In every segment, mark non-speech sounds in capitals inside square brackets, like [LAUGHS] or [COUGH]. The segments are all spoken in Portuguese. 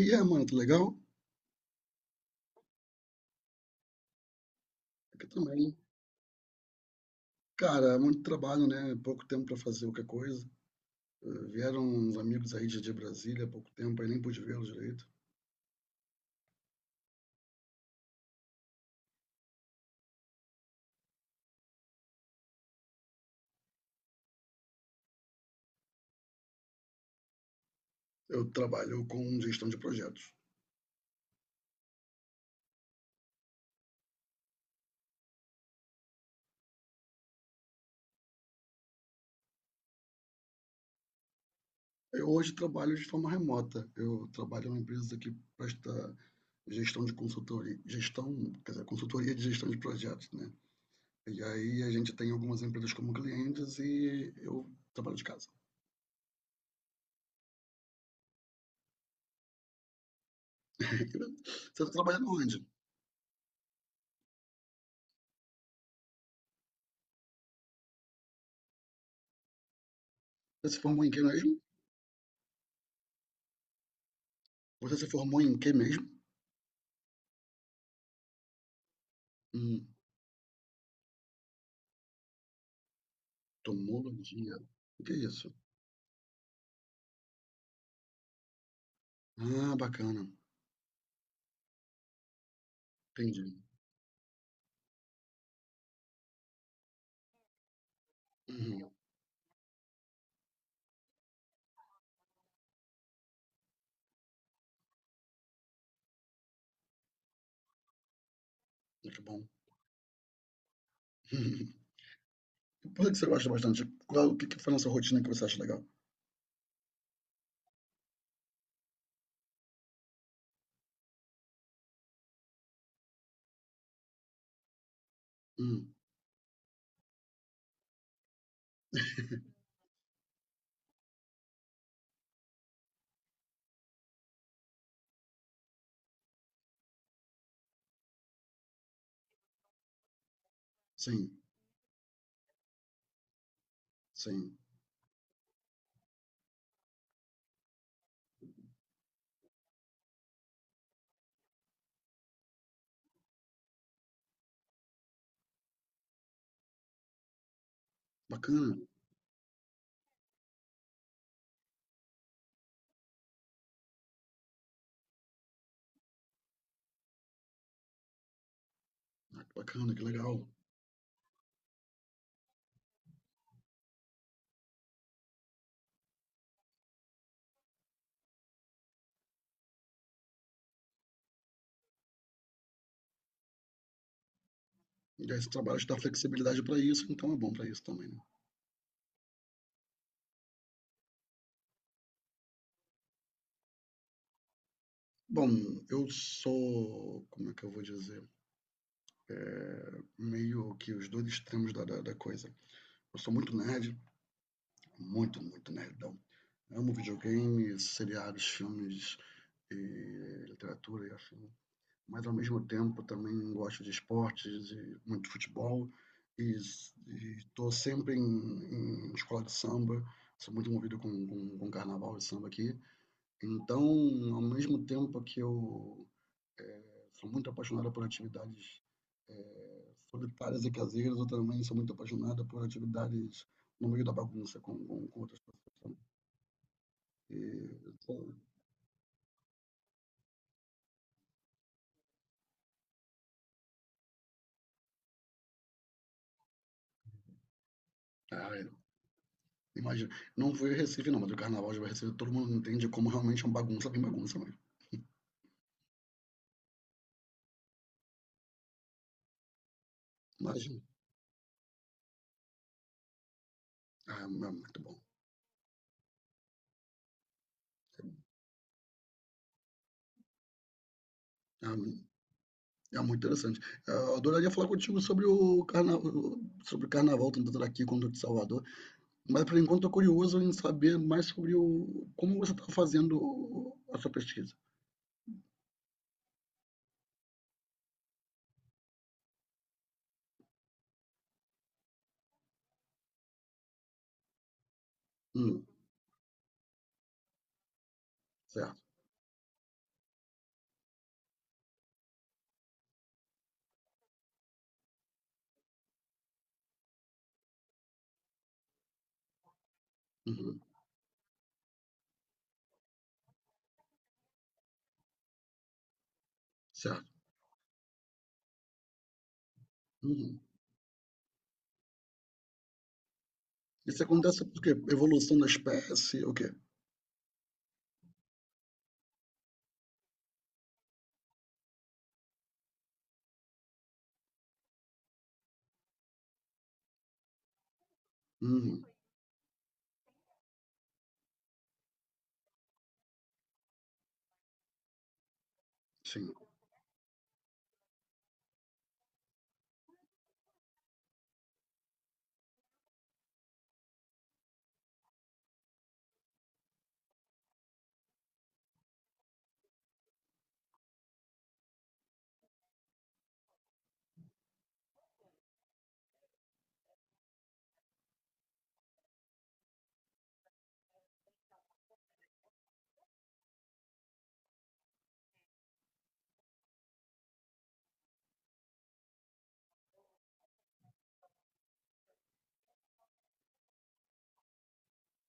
E é, mano, tá legal? Aqui também. Cara, é muito trabalho, né? Pouco tempo pra fazer qualquer coisa. Vieram uns amigos aí de Brasília há pouco tempo, aí nem pude vê-los direito. Eu trabalho com gestão de projetos. Eu hoje trabalho de forma remota. Eu trabalho em uma empresa que presta gestão de consultoria, quer dizer, consultoria de gestão de projetos, né? E aí a gente tem algumas empresas como clientes e eu trabalho de casa. [LAUGHS] Você está trabalhando onde? Você se formou em que mesmo? Você se formou em que mesmo? Hum. tomologia. O que é isso? Ah, bacana. Entendi. Uhum. Muito bom. [LAUGHS] E por que você gosta bastante? O que que foi nessa rotina que você acha legal? Hum, sim, sim. Bacana, bacana, que legal. E aí esse trabalho te dá flexibilidade para isso, então é bom para isso também, né? Bom, eu sou, como é que eu vou dizer? Meio que os dois extremos da coisa. Eu sou muito nerd, muito, muito nerdão. Amo videogames seriados, filmes, e literatura e afim. Mas ao mesmo tempo também gosto de esportes e muito futebol e estou sempre em escola de samba, sou muito movido com carnaval e samba aqui. Então, ao mesmo tempo que eu sou muito apaixonado por atividades solitárias e caseiras, eu também sou muito apaixonado por atividades no meio da bagunça com outras pessoas também. E, pô, é, imagina, não foi Recife não, mas o carnaval de Recife todo mundo entende como realmente é uma bagunça bem bagunça mesmo. Imagina. Ah, muito bom. Ah, é muito interessante. É, eu adoraria falar contigo sobre o carnaval, tanto daqui quanto de Salvador, mas por enquanto estou curioso em saber mais sobre como você está fazendo a sua pesquisa. Hum, certo. Uhum, certo. Uhum. Isso acontece por quê? Evolução da espécie, o quê? Uhum, sim.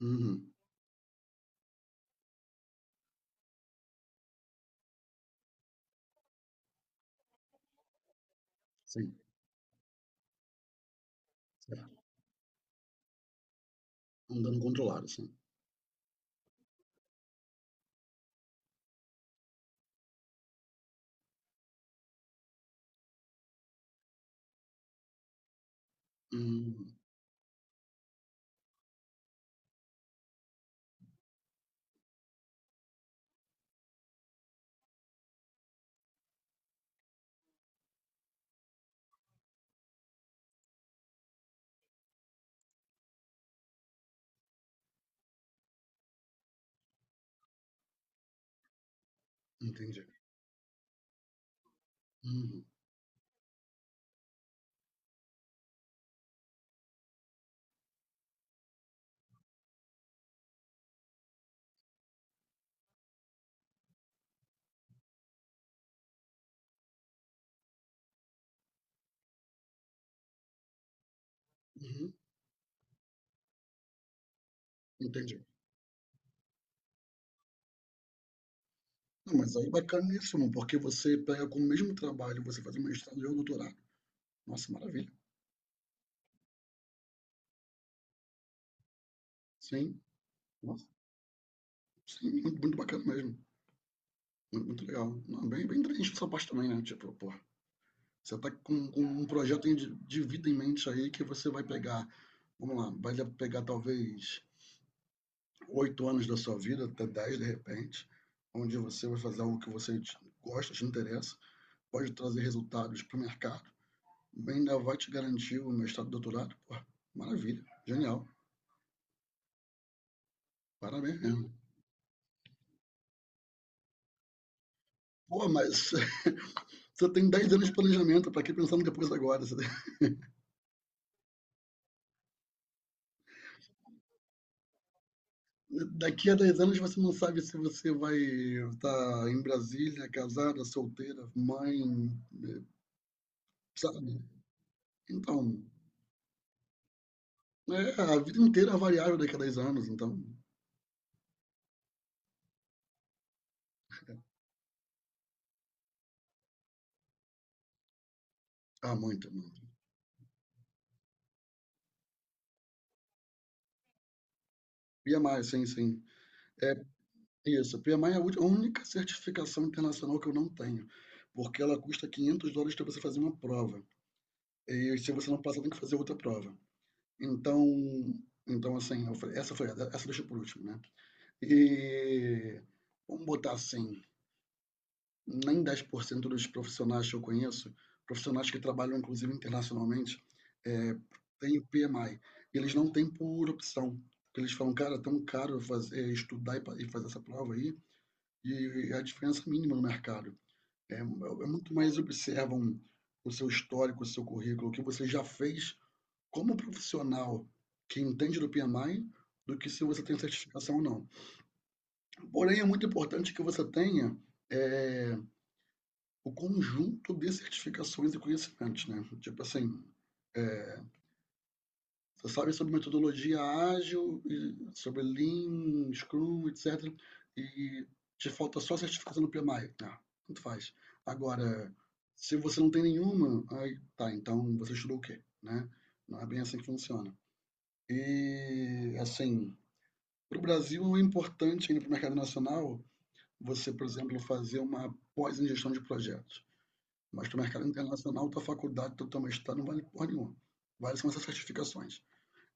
Uhum, sim. Certo. Um dano controlado, sim. Uhum, entendi. Uhum, uhum, entendi. Não, mas aí bacaníssimo, porque você pega com o mesmo trabalho, você faz um mestrado e um doutorado. Nossa, maravilha. Sim, nossa, sim, muito, muito bacana mesmo. Muito, muito legal. Não, bem, bem inteligente essa parte também, né? Tipo, pô, você tá com um projeto de vida em mente aí que você vai pegar, vamos lá, vai pegar talvez 8 anos da sua vida, até 10 de repente, onde você vai fazer algo que você gosta, te interessa, pode trazer resultados para o mercado. Ainda vai te garantir o mestrado e doutorado? Porra, maravilha, genial, parabéns mesmo. Pô, mas [LAUGHS] você tem 10 anos de planejamento, para que pensando depois agora? Você tem- [LAUGHS] Daqui a 10 anos você não sabe se você vai estar em Brasília, casada, solteira, mãe, eh, sabe? Então, a vida inteira é variável daqui a 10 anos, então. Ah, muito, muito. PMI, sim, sim. É isso. PMI é a única certificação internacional que eu não tenho, porque ela custa 500 dólares para você fazer uma prova. E se você não passa, tem que fazer outra prova. Então, assim, eu falei, essa deixa por último, né? E vamos botar assim, nem 10% dos profissionais que eu conheço, profissionais que trabalham inclusive internacionalmente, é, têm PMI. E eles não têm por opção. Eles falam, cara, é tão caro fazer, estudar e fazer essa prova aí, e a diferença é mínima no mercado. É, muito mais observam o seu histórico, o seu currículo, o que você já fez, como profissional que entende do PMI do que se você tem certificação ou não. Porém, é muito importante que você tenha é, o conjunto de certificações e conhecimentos, né? Tipo assim, você sabe sobre metodologia ágil, sobre Lean, Scrum, etc. E te falta só a certificação no PMI. Ah, tanto faz. Agora, se você não tem nenhuma, aí tá, então você estudou o quê, né? Não é bem assim que funciona. E, assim, para o Brasil, não é importante ainda para o mercado nacional você, por exemplo, fazer uma pós em gestão de projetos. Mas para o mercado internacional, tua faculdade, teu mestrado não vale porra nenhuma. Vale são essas certificações.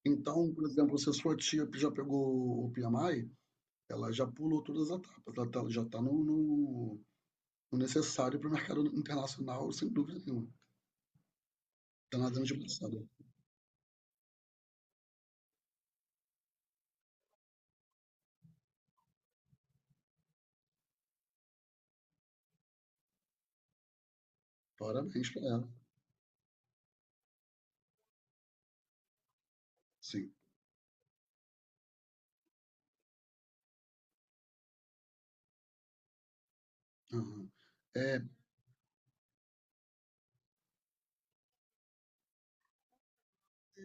Então, por exemplo, se a sua tia já pegou o PMI, ela já pulou todas as etapas. Ela já está no necessário para o mercado internacional, sem dúvida nenhuma. Está nadando de braçada. Parabéns para ela. Sim. Aham. É,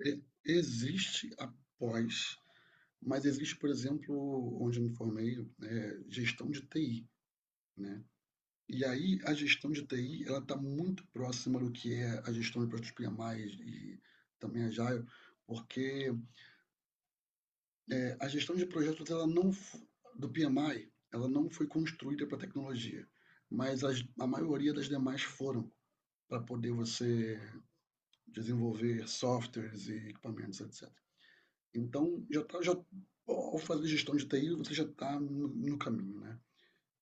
existe a pós. Mas existe, por exemplo, onde eu me formei, gestão de TI, né? E aí a gestão de TI, ela está muito próxima do que é a gestão de projetos PMI e também a Agile, porque a gestão de projetos ela não f- do PMI, ela não foi construída para tecnologia, mas a maioria das demais foram para poder você desenvolver softwares e equipamentos, etc. Então, ao fazer gestão de TI, você já está no caminho, né?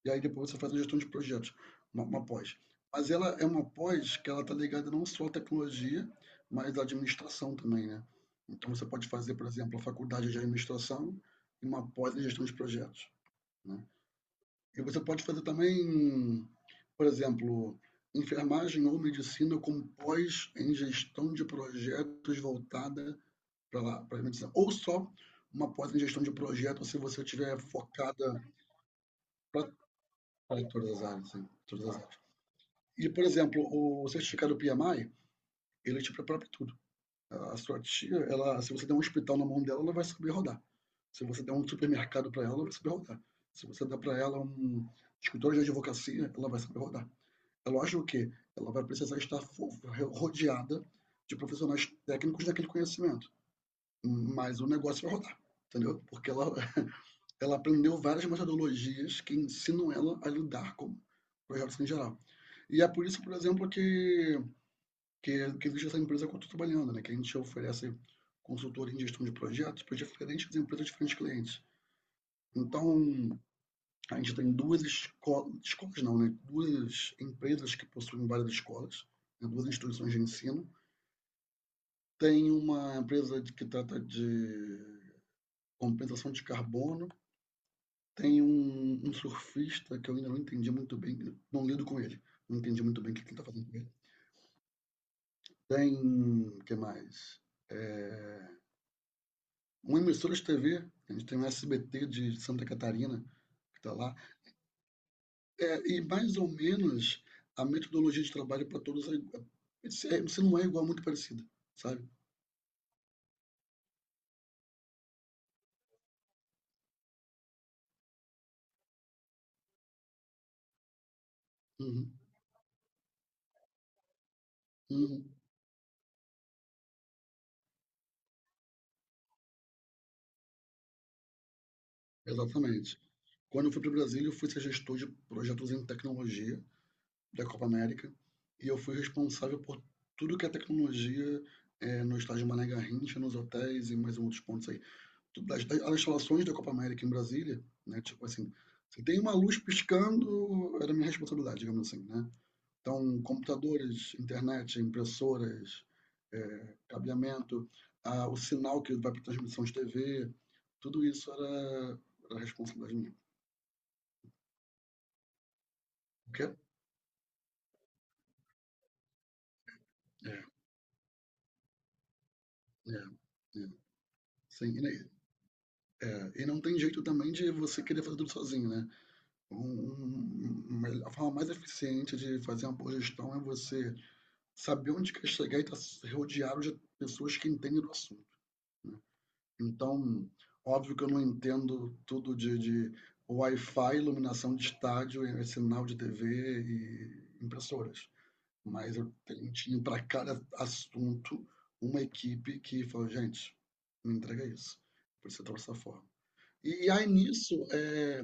E aí depois você faz a gestão de projetos, uma pós. Mas ela é uma pós que ela está ligada não só à tecnologia, mas à administração também, né? Então você pode fazer, por exemplo, a faculdade de administração e uma pós em gestão de projetos, né? E você pode fazer também, por exemplo, enfermagem ou medicina com pós em gestão de projetos voltada para lá, para medicina, ou só uma pós em gestão de projetos se você tiver focada para todas as áreas, sim, todas as áreas. E, por exemplo, o certificado PMI, ele te prepara para tudo. A sua tia, ela, se você der um hospital na mão dela, ela vai saber rodar. Se você der um supermercado para ela, ela vai saber rodar. Se você der para ela um escritório de advocacia, ela vai saber rodar. É lógico que ela vai precisar estar rodeada de profissionais técnicos daquele conhecimento. Mas o negócio vai rodar, entendeu? Porque ela, [LAUGHS] ela aprendeu várias metodologias que ensinam ela a lidar com projetos em geral. E é por isso, por exemplo, que, existe essa empresa que eu estou trabalhando, né? Que a gente oferece consultoria em gestão de projetos para diferentes empresas, diferentes clientes. Então, a gente tem duas escolas, escolas não, né? Duas empresas que possuem várias escolas, né? Duas instituições de ensino. Tem uma empresa que trata de compensação de carbono, tem um surfista que eu ainda não entendi muito bem, não lido com ele, não entendi muito bem o que ele está fazendo com ele. Tem, o que mais? É, uma emissora de TV, a gente tem o SBT de Santa Catarina, que está lá, e mais ou menos a metodologia de trabalho para todos se não é igual, é muito parecida, sabe? Uhum, uhum, exatamente. Quando eu fui para o Brasil, eu fui ser gestor de projetos em tecnologia da Copa América, e eu fui responsável por tudo que é tecnologia no estádio Mané Garrincha, nos hotéis e mais outros pontos aí. das instalações da Copa América em Brasília, né? Tipo assim, se tem uma luz piscando, era minha responsabilidade, digamos assim, né? Então, computadores, internet, impressoras, cabeamento, o sinal que vai para transmissão de TV, tudo isso era responsabilidade minha. O quê? É, é, é. Sim, e não tem jeito também de você querer fazer tudo sozinho, né? A forma mais eficiente de fazer uma boa gestão é você saber onde quer chegar e estar rodeado de pessoas que entendem do assunto. Então, óbvio que eu não entendo tudo de Wi-Fi, iluminação de estádio, sinal de TV e impressoras. Mas eu tinha para cada assunto uma equipe que falou, gente, me entrega isso, precisa trabalhar dessa forma. E aí nisso,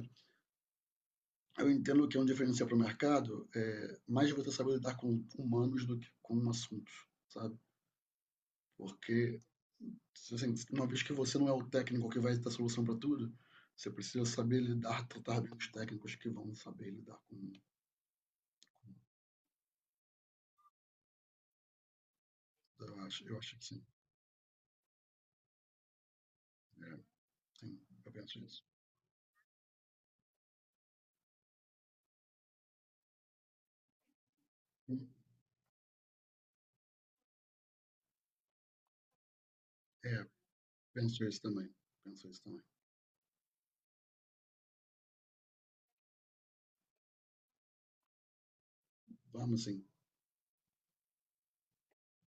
eu entendo que é um diferencial para o mercado, mais você saber lidar com humanos do que com assuntos, sabe? Porque assim, uma vez que você não é o técnico que vai dar solução para tudo, você precisa saber lidar, tratar bem os técnicos que vão saber lidar com. Eu acho que sim. É, sim. Eu penso isso. Hum, é, penso isso também. Penso isso também. Vamos sim.